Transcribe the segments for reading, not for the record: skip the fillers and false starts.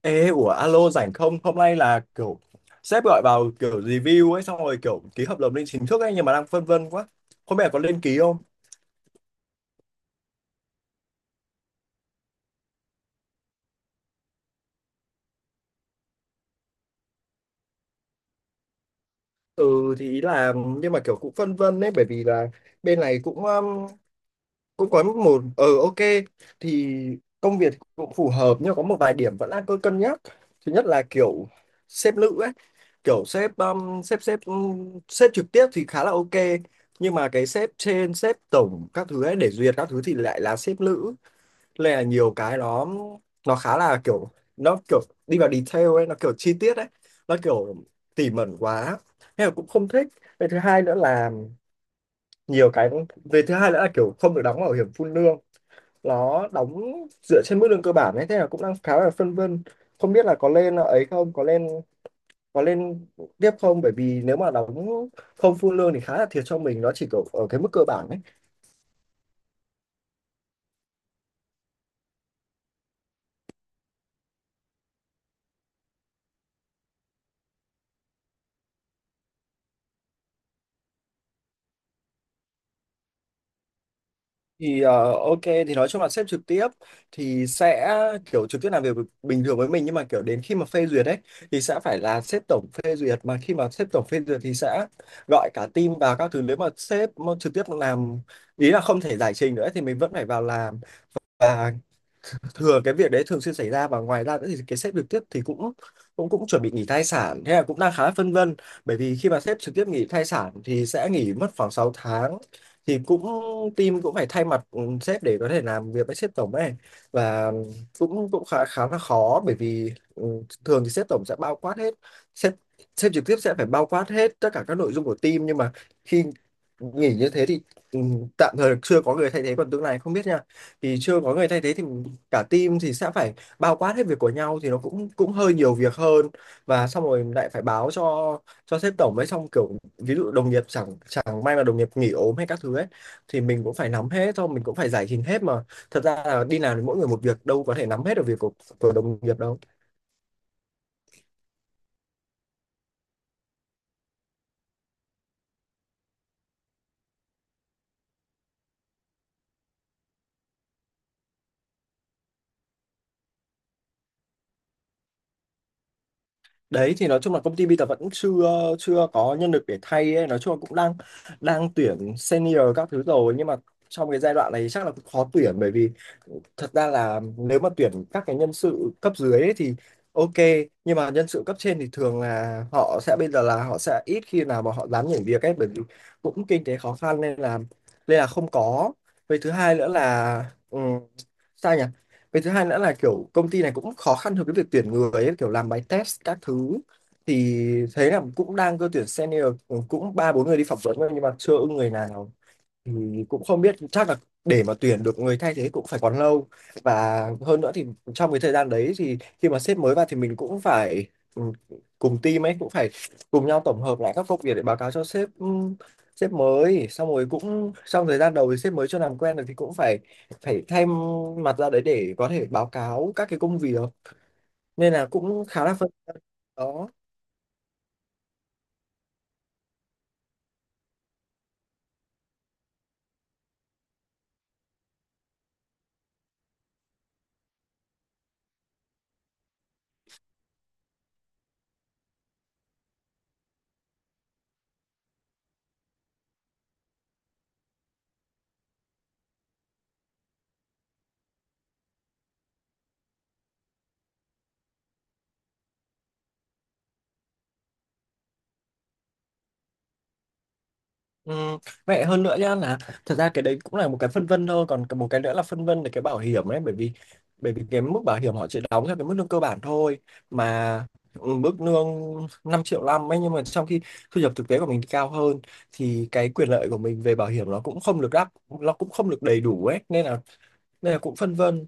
Ê, ủa alo rảnh không? Hôm nay là kiểu sếp gọi vào kiểu review ấy xong rồi kiểu ký hợp đồng lên chính thức ấy, nhưng mà đang phân vân quá. Không biết là có lên ký không? Ừ, thì ý là nhưng mà kiểu cũng phân vân đấy, bởi vì là bên này cũng cũng có một thì công việc cũng phù hợp, nhưng có một vài điểm vẫn đang cứ cân nhắc. Thứ nhất là kiểu sếp nữ ấy, kiểu sếp sếp sếp sếp trực tiếp thì khá là ok, nhưng mà cái sếp trên, sếp tổng các thứ ấy để duyệt các thứ thì lại là sếp nữ, nên là nhiều cái nó khá là kiểu, nó kiểu đi vào detail ấy, nó kiểu chi tiết ấy, nó kiểu tỉ mẩn quá, nên là cũng không thích. Về thứ hai nữa là nhiều cái, về thứ hai nữa là kiểu không được đóng bảo hiểm phun lương, nó đóng dựa trên mức lương cơ bản ấy, thế là cũng đang khá là phân vân không biết là có lên ấy không, có lên, có lên tiếp không, bởi vì nếu mà đóng không phun lương thì khá là thiệt cho mình, nó chỉ kiểu ở cái mức cơ bản ấy. Thì ok, thì nói chung là sếp trực tiếp thì sẽ kiểu trực tiếp làm việc bình thường với mình, nhưng mà kiểu đến khi mà phê duyệt ấy thì sẽ phải là sếp tổng phê duyệt, mà khi mà sếp tổng phê duyệt thì sẽ gọi cả team vào các thứ, nếu mà sếp mà trực tiếp làm, ý là không thể giải trình nữa thì mình vẫn phải vào làm. Và thường cái việc đấy thường xuyên xảy ra, và ngoài ra nữa thì cái sếp trực tiếp thì cũng cũng cũng chuẩn bị nghỉ thai sản, thế là cũng đang khá là phân vân, bởi vì khi mà sếp trực tiếp nghỉ thai sản thì sẽ nghỉ mất khoảng 6 tháng, thì cũng team cũng phải thay mặt sếp để có thể làm việc với sếp tổng ấy. Và cũng cũng khá khá là khó, bởi vì thường thì sếp tổng sẽ bao quát hết, sếp, sếp trực tiếp sẽ phải bao quát hết tất cả các nội dung của team, nhưng mà khi nghỉ như thế thì ừ, tạm thời chưa có người thay thế, còn tương lai không biết nha, thì chưa có người thay thế thì cả team thì sẽ phải bao quát hết việc của nhau, thì nó cũng cũng hơi nhiều việc hơn. Và xong rồi lại phải báo cho sếp tổng ấy, xong kiểu ví dụ đồng nghiệp chẳng chẳng may mà đồng nghiệp nghỉ ốm hay các thứ ấy thì mình cũng phải nắm hết thôi, mình cũng phải giải trình hết, mà thật ra là đi làm thì mỗi người một việc, đâu có thể nắm hết được việc của đồng nghiệp đâu. Đấy, thì nói chung là công ty bây giờ vẫn chưa chưa có nhân lực để thay ấy. Nói chung là cũng đang đang tuyển senior các thứ rồi, nhưng mà trong cái giai đoạn này chắc là cũng khó tuyển, bởi vì thật ra là nếu mà tuyển các cái nhân sự cấp dưới ấy thì ok, nhưng mà nhân sự cấp trên thì thường là họ sẽ, bây giờ là họ sẽ ít khi nào mà họ dám nhảy việc ấy, bởi vì cũng kinh tế khó khăn nên là, nên là không có. Với thứ hai nữa là ừ, sao nhỉ, cái thứ hai nữa là kiểu công ty này cũng khó khăn trong cái việc tuyển người ấy, kiểu làm bài test các thứ, thì thấy là cũng đang cơ tuyển senior, cũng 3 4 người đi phỏng vấn rồi nhưng mà chưa ưng người nào. Ừ, cũng không biết, chắc là để mà tuyển được người thay thế cũng phải còn lâu. Và hơn nữa thì trong cái thời gian đấy, thì khi mà sếp mới vào thì mình cũng phải ừ, cùng team ấy cũng phải cùng nhau tổng hợp lại các công việc để báo cáo cho sếp, sếp mới. Xong rồi cũng trong thời gian đầu thì sếp mới chưa làm quen được thì cũng phải phải thay mặt ra đấy để có thể báo cáo các cái công việc, nên là cũng khá là phân. Đó. Ừ, vậy hơn nữa nhá là thật ra cái đấy cũng là một cái phân vân thôi, còn một cái nữa là phân vân về cái bảo hiểm đấy, bởi vì cái mức bảo hiểm họ chỉ đóng theo cái mức lương cơ bản thôi, mà mức lương 5.500.000 ấy, nhưng mà trong khi thu nhập thực tế của mình thì cao hơn, thì cái quyền lợi của mình về bảo hiểm nó cũng không được đáp, nó cũng không được đầy đủ ấy, nên là, nên là cũng phân vân.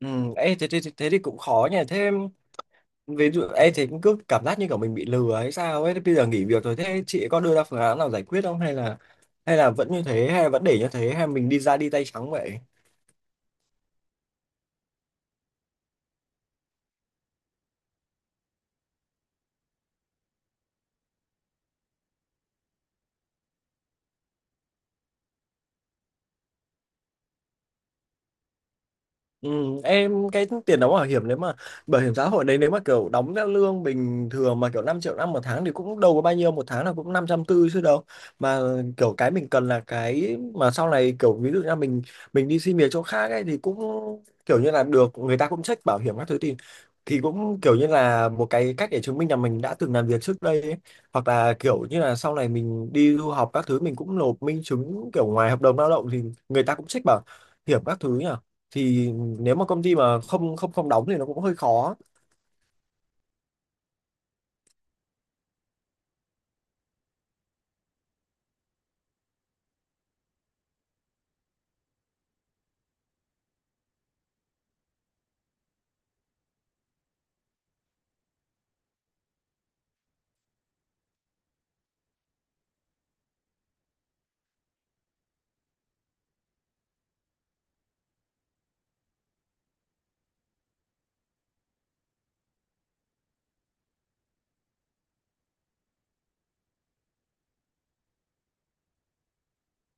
Ừ, ê, thế, thế, thế thì cũng khó nhỉ. Thế ví dụ em thấy cũng cứ cảm giác như kiểu mình bị lừa hay sao ấy, bây giờ nghỉ việc rồi thế chị có đưa ra phương án nào giải quyết không, hay là, hay là vẫn như thế, hay là vẫn để như thế, hay mình đi ra đi tay trắng vậy? Ừ, em cái tiền đóng bảo hiểm, nếu mà bảo hiểm xã hội đấy, nếu mà kiểu đóng theo lương bình thường mà kiểu 5.500.000 một tháng, thì cũng đâu có bao nhiêu, một tháng là cũng 540.000 chứ đâu. Mà kiểu cái mình cần là cái mà sau này kiểu ví dụ như là mình đi xin việc chỗ khác ấy, thì cũng kiểu như là được, người ta cũng check bảo hiểm các thứ, thì cũng kiểu như là một cái cách để chứng minh là mình đã từng làm việc trước đây ấy. Hoặc là kiểu như là sau này mình đi du học các thứ, mình cũng nộp minh chứng kiểu ngoài hợp đồng lao động, thì người ta cũng check bảo hiểm các thứ nhỉ. Thì nếu mà công ty mà không không không đóng thì nó cũng hơi khó.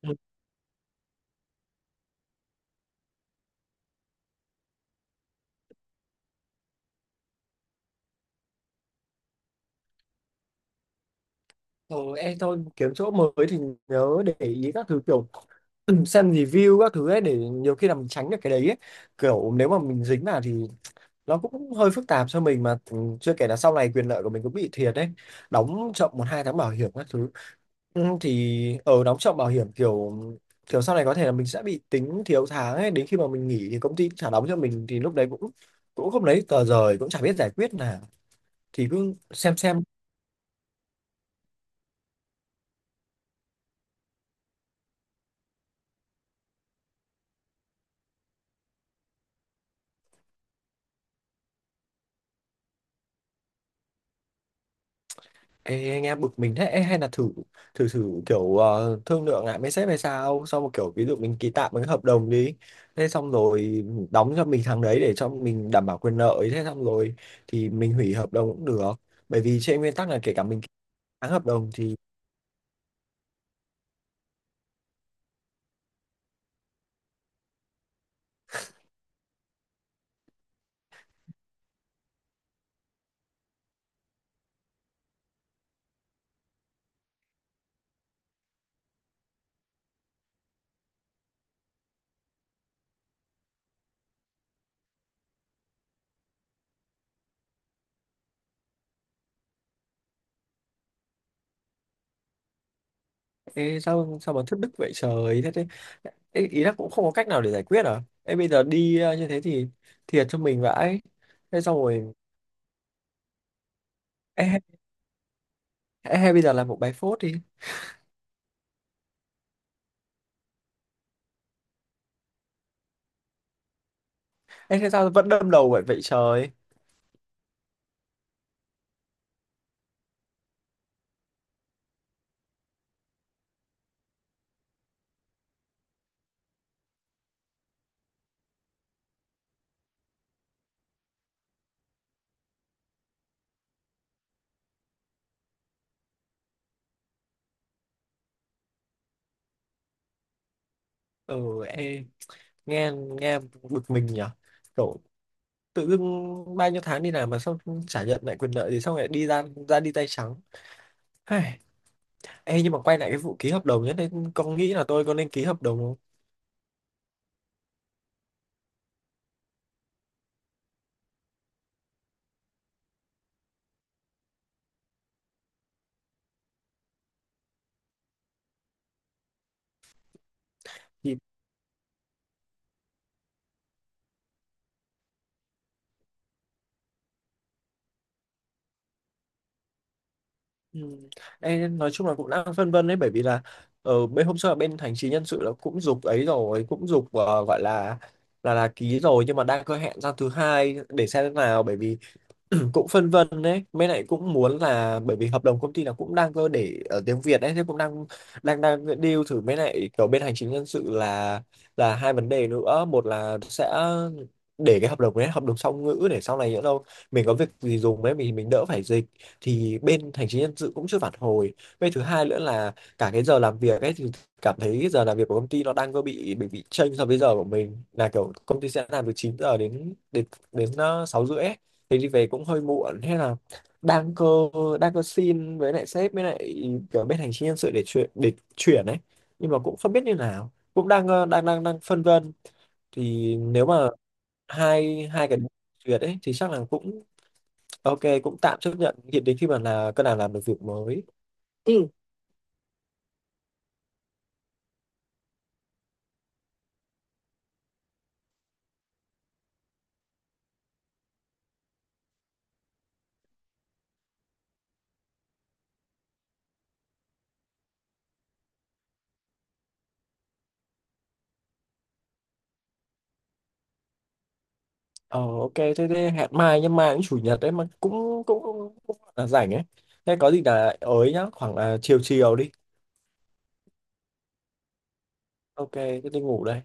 Ừ. Ờ, em thôi kiếm chỗ mới thì nhớ để ý các thứ, kiểu xem review các thứ ấy, để nhiều khi là mình tránh được cái đấy ấy. Kiểu nếu mà mình dính vào thì nó cũng hơi phức tạp cho mình. Mà chưa kể là sau này quyền lợi của mình cũng bị thiệt đấy, đóng chậm 1 2 tháng bảo hiểm các thứ. Ừ, thì ở đóng chậm bảo hiểm, kiểu kiểu sau này có thể là mình sẽ bị tính thiếu tháng ấy, đến khi mà mình nghỉ thì công ty cũng trả đóng cho mình, thì lúc đấy cũng cũng không lấy tờ rời, cũng chả biết giải quyết nào, thì cứ xem xem. Ê, anh em bực mình thế. Ê, hay là thử, thử kiểu thương lượng lại với sếp hay sao, xong một kiểu ví dụ mình ký tạm một cái hợp đồng đi, thế xong rồi đóng cho mình tháng đấy để cho mình đảm bảo quyền lợi, thế xong rồi thì mình hủy hợp đồng cũng được, bởi vì trên nguyên tắc là kể cả mình ký tháng hợp đồng thì... Ê, sao sao mà thất đức vậy trời. Thế, thế, ê, ý là cũng không có cách nào để giải quyết à? Ê, bây giờ đi như thế thì thiệt cho mình vãi. Thế xong rồi ê, hay hay bây giờ làm một bài phốt đi. Ê, thế sao vẫn đâm đầu vậy vậy trời? Ừ, ê, nghe, nghe bực mình nhỉ. Kiểu tự dưng bao nhiêu tháng đi làm mà sao chả nhận lại quyền lợi, thì xong lại đi ra, ra đi tay trắng. Hây, ê, nhưng mà quay lại cái vụ ký hợp đồng nhất đấy, con nghĩ là tôi có nên ký hợp đồng không? Thì ừ, ê, nói chung là cũng đang phân vân đấy, bởi vì là ở bên hôm sau là bên hành chính nhân sự là cũng giục ấy rồi, cũng giục gọi là là ký rồi, nhưng mà đang có hẹn ra thứ hai để xem thế nào, bởi vì cũng phân vân đấy, mấy lại cũng muốn là, bởi vì hợp đồng công ty là cũng đang cơ để ở tiếng Việt đấy, thế cũng đang đang đang deal thử. Mấy lại kiểu bên hành chính nhân sự là hai vấn đề nữa, một là sẽ để cái hợp đồng đấy hợp đồng song ngữ, để sau này nhỡ đâu mình có việc gì dùng ấy, mình đỡ phải dịch, thì bên hành chính nhân sự cũng chưa phản hồi. Với thứ hai nữa là cả cái giờ làm việc ấy, thì cảm thấy cái giờ làm việc của công ty nó đang có bị bị chênh so với giờ của mình, là kiểu công ty sẽ làm từ 9 giờ đến đến đến 6h30, thì đi về cũng hơi muộn, thế là đang cơ, xin với lại sếp, với lại kiểu bên hành chính nhân sự để chuyển, ấy, nhưng mà cũng không biết như nào, cũng đang đang phân vân. Thì nếu mà hai hai cái duyệt ấy thì chắc là cũng ok, cũng tạm chấp nhận hiện đến khi mà là cơ nào làm được việc mới. Ừ. Ờ, ok, thế, thế hẹn mai, nhưng mai cũng chủ nhật đấy mà, cũng cũng là rảnh ấy, thế có gì là ới nhá, khoảng là chiều chiều đi. Ok, thế đi ngủ đây.